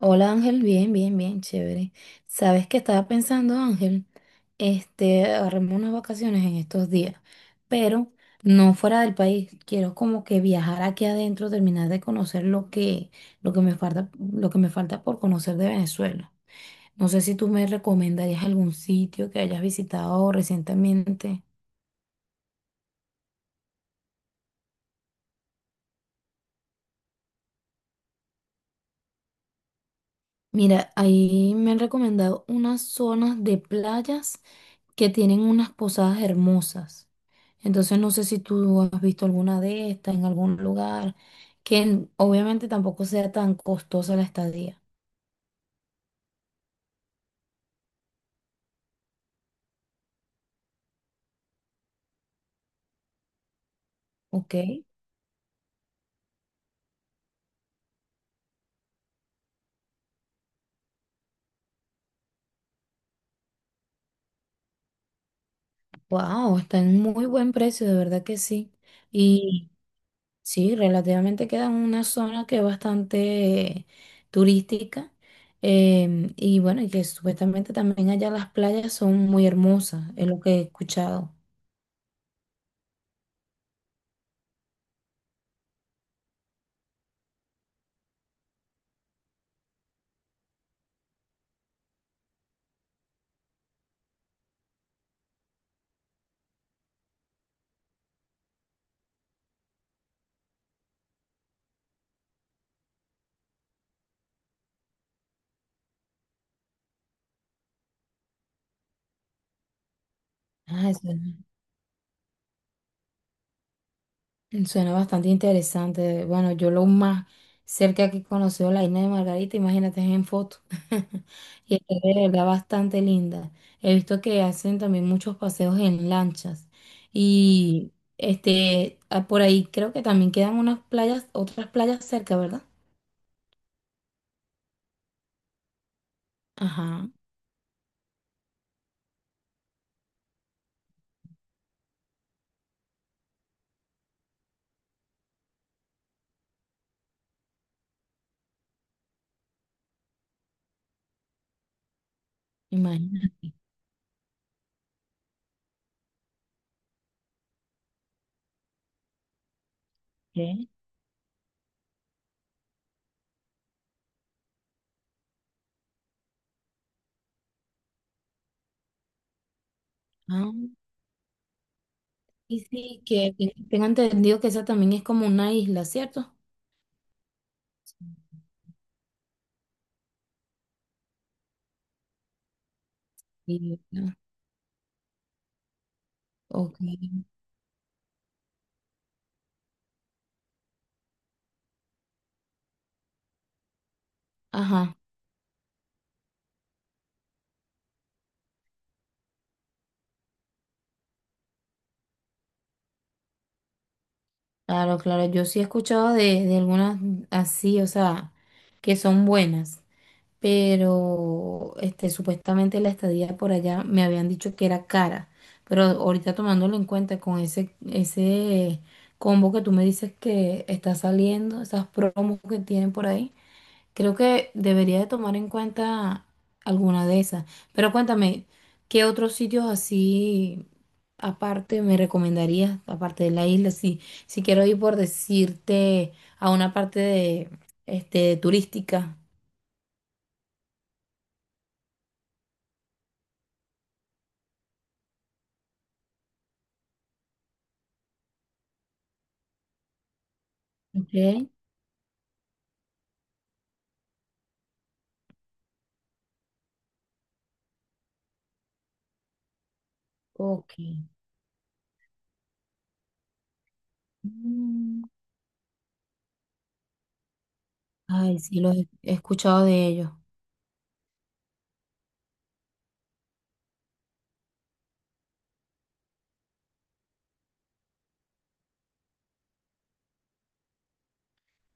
Hola Ángel, bien, bien, bien, chévere. ¿Sabes qué estaba pensando, Ángel? Este, agarrarme unas vacaciones en estos días, pero no fuera del país. Quiero como que viajar aquí adentro, terminar de conocer lo que me falta, lo que me falta por conocer de Venezuela. No sé si tú me recomendarías algún sitio que hayas visitado recientemente. Mira, ahí me han recomendado unas zonas de playas que tienen unas posadas hermosas. Entonces no sé si tú has visto alguna de estas en algún lugar, obviamente tampoco sea tan costosa la estadía. ¿Ok? Wow, está en muy buen precio, de verdad que sí. Sí, relativamente queda en una zona que es bastante turística. Y bueno, y que supuestamente también allá las playas son muy hermosas, es lo que he escuchado. Ah, eso. Suena bastante interesante. Bueno, yo lo más cerca que he conocido la isla de Margarita, imagínate, es en foto. Y es de verdad bastante linda. He visto que hacen también muchos paseos en lanchas. Y este, ah, por ahí creo que también quedan unas playas, otras playas cerca, ¿verdad? Ajá, imagínate. Ah, y sí, que tengo entendido que esa también es como una isla, ¿cierto? Sí, ¿verdad? Ok. Ajá. Claro, claro, yo sí he escuchado de algunas así, o sea, que son buenas, pero este, supuestamente la estadía por allá me habían dicho que era cara, pero ahorita tomándolo en cuenta con ese combo que tú me dices que está saliendo, esas promos que tienen por ahí. Creo que debería de tomar en cuenta alguna de esas. Pero cuéntame, ¿qué otros sitios así aparte me recomendarías, aparte de la isla? Si, si quiero ir por decirte a una parte de, este, turística. Ok, ok. Mm, ay, sí, los he he escuchado de ellos.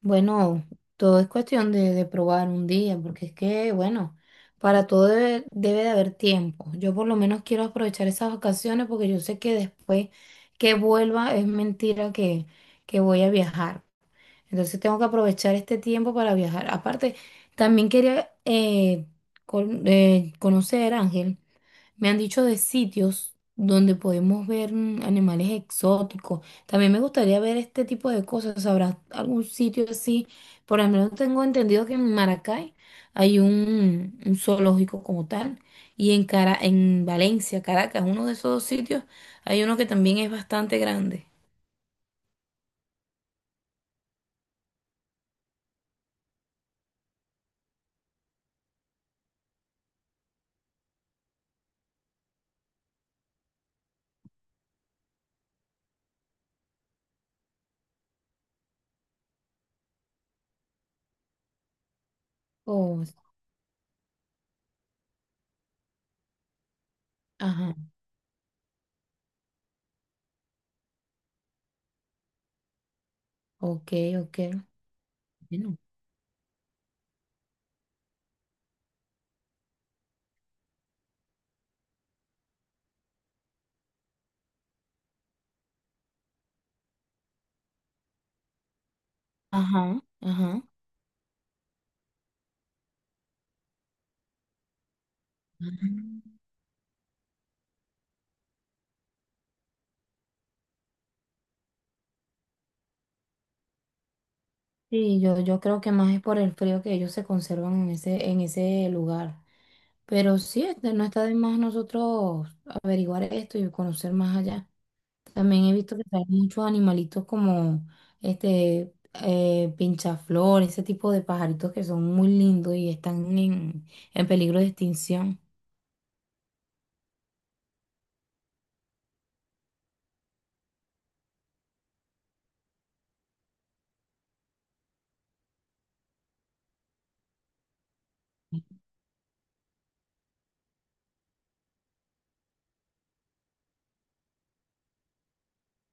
Bueno, todo es cuestión de probar un día, porque es que, bueno, para todo debe de haber tiempo. Yo por lo menos quiero aprovechar esas vacaciones porque yo sé que después que vuelva es mentira que voy a viajar. Entonces tengo que aprovechar este tiempo para viajar. Aparte, también quería conocer, Ángel. Me han dicho de sitios donde podemos ver animales exóticos. También me gustaría ver este tipo de cosas. ¿Habrá algún sitio así? Por lo menos tengo entendido que en Maracay hay un zoológico como tal. Y en Cara, en Valencia, Caracas, uno de esos dos sitios, hay uno que también es bastante grande. Oh, ajá, ok, ok. Bueno. Ajá, ajá. Mm. Sí, yo creo que más es por el frío que ellos se conservan en en ese lugar. Pero sí, este, no está de más nosotros averiguar esto y conocer más allá. También he visto que hay muchos animalitos como este pinchaflor, ese tipo de pajaritos que son muy lindos y están en peligro de extinción.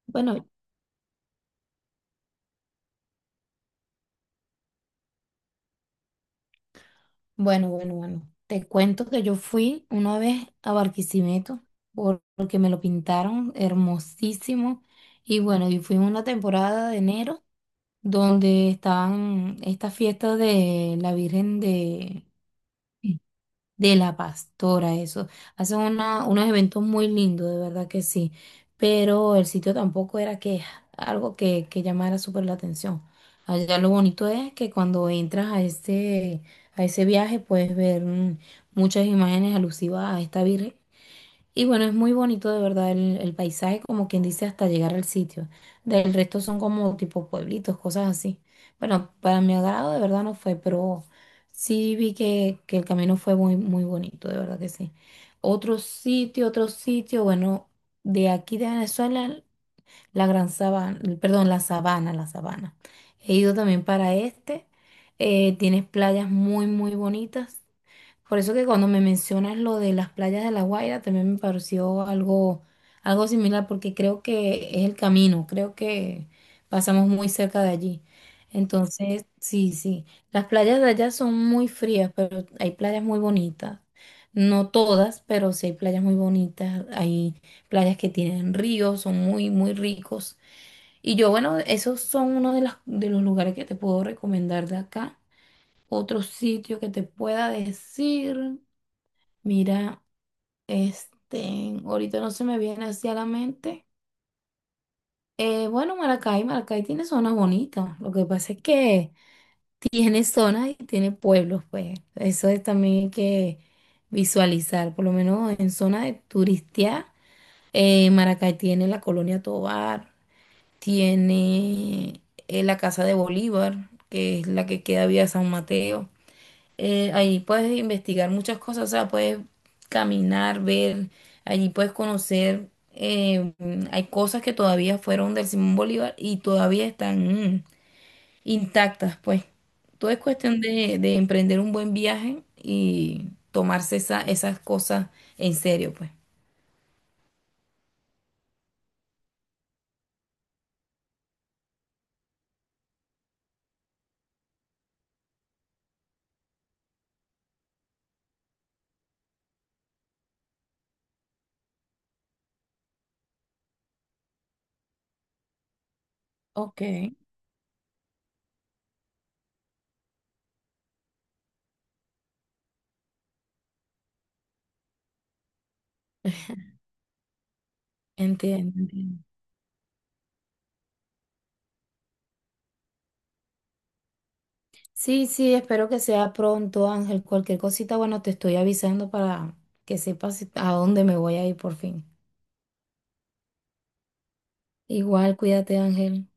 Bueno, bueno, bueno, bueno. Te cuento que yo fui una vez a Barquisimeto porque me lo pintaron hermosísimo. Y bueno, y fui en una temporada de enero donde estaban estas fiestas de la Virgen de la Pastora, eso. Hacen unos eventos muy lindos, de verdad que sí. Pero el sitio tampoco era que algo que llamara súper la atención. Allá lo bonito es que cuando entras a ese viaje puedes ver muchas imágenes alusivas a esta Virgen y bueno, es muy bonito de verdad el paisaje, como quien dice, hasta llegar al sitio. Del resto son como tipo pueblitos, cosas así. Bueno, para mi agrado de verdad no fue, pero sí vi que el camino fue muy, muy bonito, de verdad que sí. Otro sitio, bueno, de aquí de Venezuela, la Gran Sabana, perdón, la Sabana, la Sabana. He ido también para este. Tienes playas muy, muy bonitas. Por eso que cuando me mencionas lo de las playas de La Guaira, también me pareció algo, algo similar, porque creo que es el camino, creo que pasamos muy cerca de allí. Entonces, sí, sí, las playas de allá son muy frías, pero hay playas muy bonitas. No todas, pero sí hay playas muy bonitas, hay playas que tienen ríos, son muy, muy ricos. Y yo, bueno, esos son uno de los lugares que te puedo recomendar de acá. Otro sitio que te pueda decir. Mira, este, ahorita no se me viene así a la mente. Bueno, Maracay, Maracay tiene zonas bonitas. Lo que pasa es que tiene zonas y tiene pueblos, pues. Eso es también hay que visualizar. Por lo menos en zona de turistía, Maracay tiene la Colonia Tovar, tiene la Casa de Bolívar, que es la que queda vía San Mateo. Allí puedes investigar muchas cosas, o sea, puedes caminar, ver, allí puedes conocer, hay cosas que todavía fueron del Simón Bolívar y todavía están mm, intactas, pues. Todo es cuestión de emprender un buen viaje y tomarse esas cosas en serio, pues. Ok, entiendo, entiendo. Sí, sí, espero que sea pronto, Ángel. Cualquier cosita, bueno, te estoy avisando para que sepas a dónde me voy a ir por fin. Igual, cuídate, Ángel.